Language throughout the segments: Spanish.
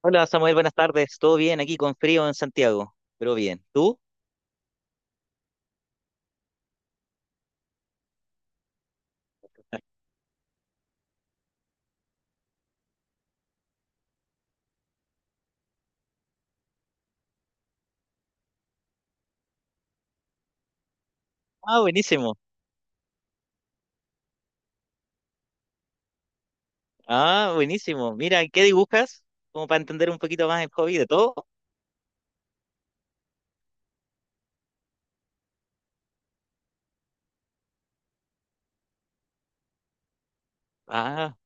Hola Samuel, buenas tardes. ¿Todo bien aquí con frío en Santiago? Pero bien. ¿Tú? Ah, buenísimo. Ah, buenísimo. Mira, ¿qué dibujas? Como para entender un poquito más el hobby de todo. Ah,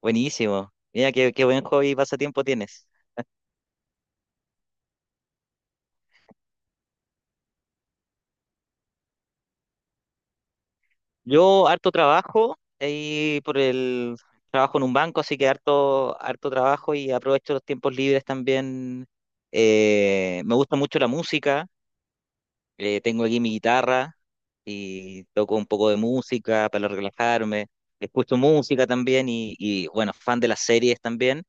buenísimo. Mira, qué buen hobby y pasatiempo tienes. Yo harto trabajo y por el trabajo en un banco, así que harto trabajo y aprovecho los tiempos libres también. Me gusta mucho la música. Tengo aquí mi guitarra y toco un poco de música para relajarme. Escucho música también bueno, fan de las series también.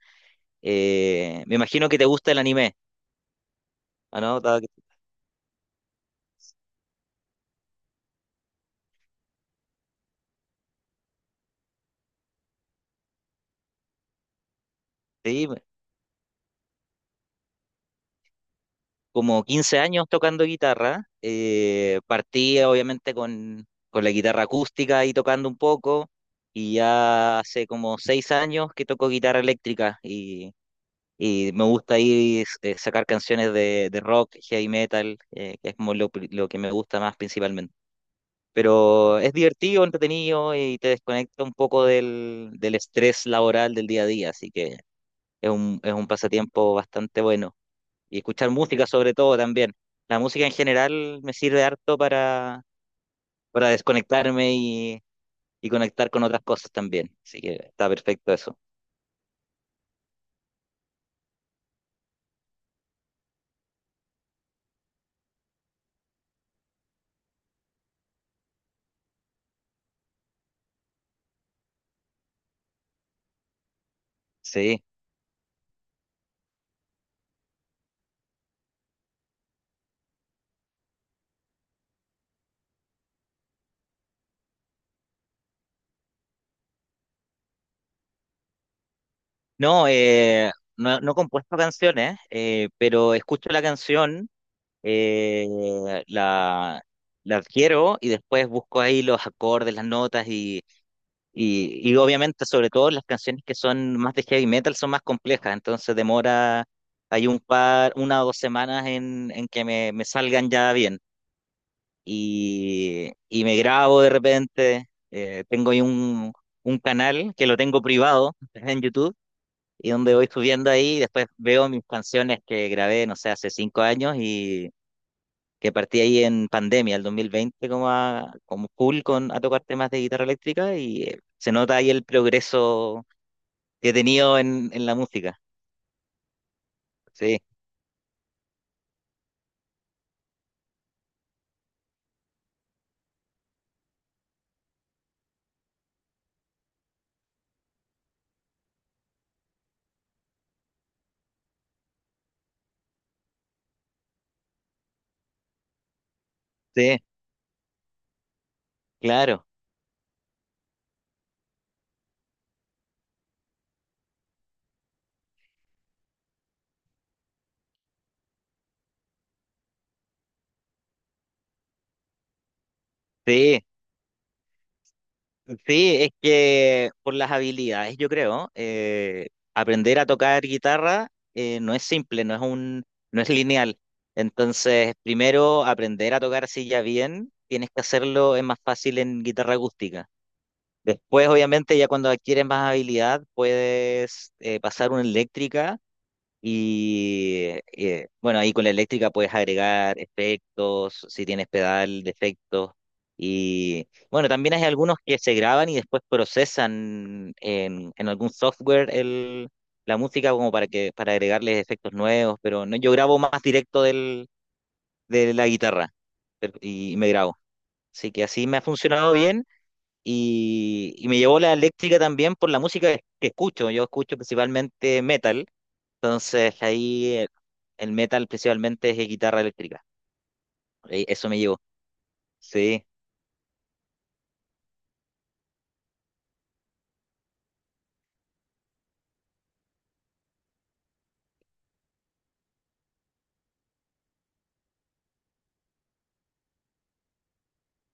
Me imagino que te gusta el anime, ¿o no? Dado, sí, como 15 años tocando guitarra. Partí obviamente con la guitarra acústica y tocando un poco, y ya hace como 6 años que toco guitarra eléctrica. Y me gusta ahí, sacar canciones de rock, heavy metal, que es como lo que me gusta más principalmente. Pero es divertido, entretenido y te desconecta un poco del estrés laboral del día a día, así que es es un pasatiempo bastante bueno. Y escuchar música sobre todo también. La música en general me sirve harto para desconectarme y conectar con otras cosas también, así que está perfecto eso. Sí. No, no, no he compuesto canciones, pero escucho la canción, eh, la, la adquiero y después busco ahí los acordes, las notas y obviamente sobre todo las canciones que son más de heavy metal son más complejas, entonces demora, hay un par, una o dos semanas en que me salgan ya bien y me grabo de repente, tengo ahí un canal que lo tengo privado en YouTube y donde voy subiendo ahí, después veo mis canciones que grabé, no sé, hace 5 años y que partí ahí en pandemia, el 2020, como full a tocar temas de guitarra eléctrica y se nota ahí el progreso que he tenido en la música. Sí, sí, claro, sí. Sí, es que por las habilidades, yo creo. Aprender a tocar guitarra no es simple, no es lineal. Entonces, primero aprender a tocar así ya bien, tienes que hacerlo, es más fácil en guitarra acústica. Después, obviamente, ya cuando adquieres más habilidad, puedes, pasar una eléctrica y, bueno, ahí con la eléctrica puedes agregar efectos, si tienes pedal de efectos. Y bueno, también hay algunos que se graban y después procesan en algún software la música como para para agregarles efectos nuevos, pero no, yo grabo más directo de la guitarra y me grabo. Así que así me ha funcionado bien y me llevó la eléctrica también por la música que escucho. Yo escucho principalmente metal, entonces ahí, el metal principalmente es de guitarra eléctrica. Eso me llevó. Sí.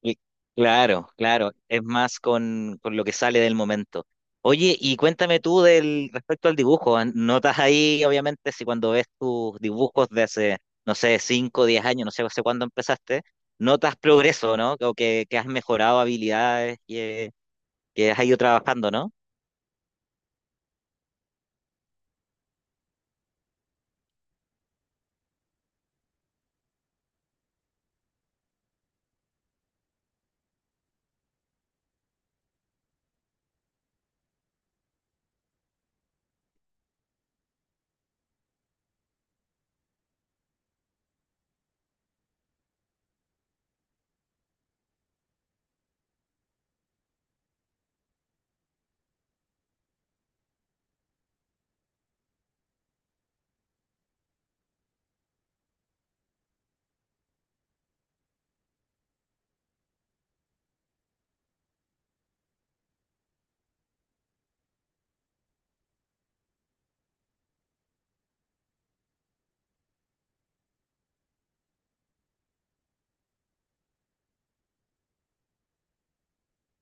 Y- Claro, claro. Es más con lo que sale del momento. Oye, y cuéntame tú del respecto al dibujo. ¿Notas ahí, obviamente, si cuando ves tus dibujos de hace, no sé, 5 o 10 años, no sé hace cuándo empezaste, notas progreso, ¿no? Que has mejorado habilidades y, que has ido trabajando, ¿no?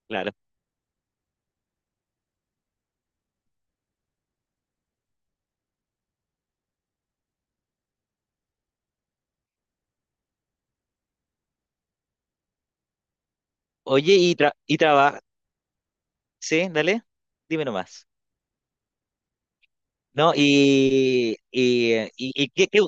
Claro. Oye, y trabaja. Sí, dale. Dime nomás. No, y qué- qué-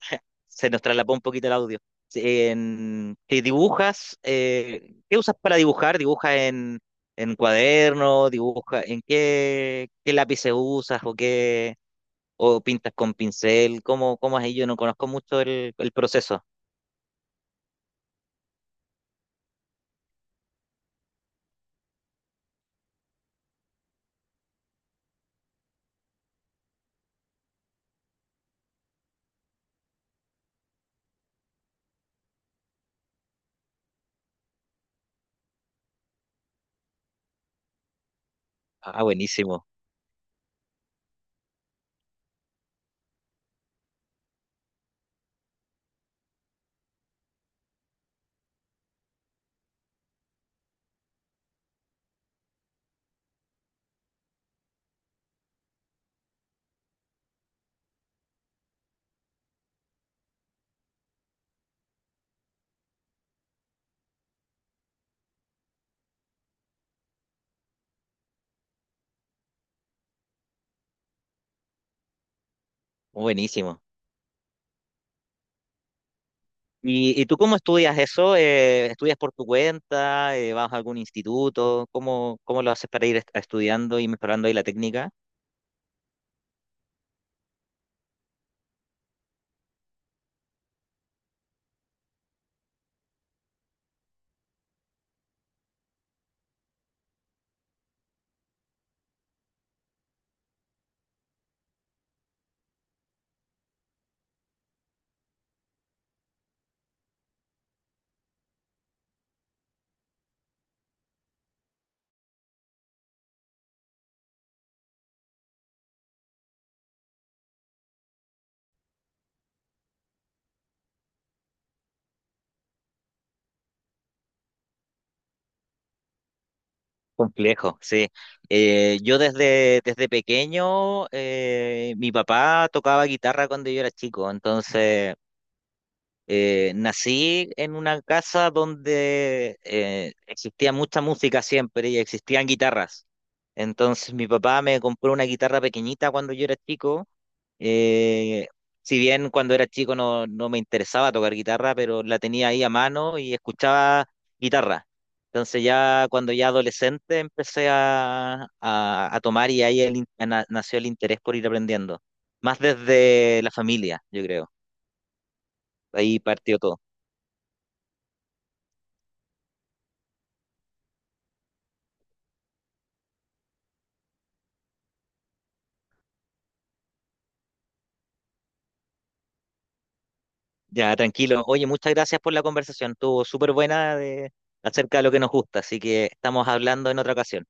se nos traslapó un poquito el audio. Sí. ¿Te dibujas? ¿Qué usas para dibujar? ¿Dibujas en cuaderno? ¿Dibuja en qué, qué lápices usas o qué, o pintas con pincel? ¿Cómo, cómo es ahí? Yo no conozco mucho el proceso. Ah, buenísimo. ¿Y tú cómo estudias eso? ¿Estudias por tu cuenta? ¿Vas a algún instituto? ¿Cómo, cómo lo haces para ir estudiando y mejorando ahí la técnica? Complejo, sí. Yo desde pequeño, mi papá tocaba guitarra cuando yo era chico, entonces… Nací en una casa donde existía mucha música siempre y existían guitarras. Entonces mi papá me compró una guitarra pequeñita cuando yo era chico. Eh, si bien cuando era chico no me interesaba tocar guitarra, pero la tenía ahí a mano y escuchaba guitarra. Entonces ya cuando ya adolescente empecé a tomar y ahí nació el interés por ir aprendiendo. Más desde la familia, yo creo. Ahí partió todo. Ya, tranquilo. Oye, muchas gracias por la conversación. Estuvo súper buena de, acerca de lo que nos gusta, así que estamos hablando en otra ocasión.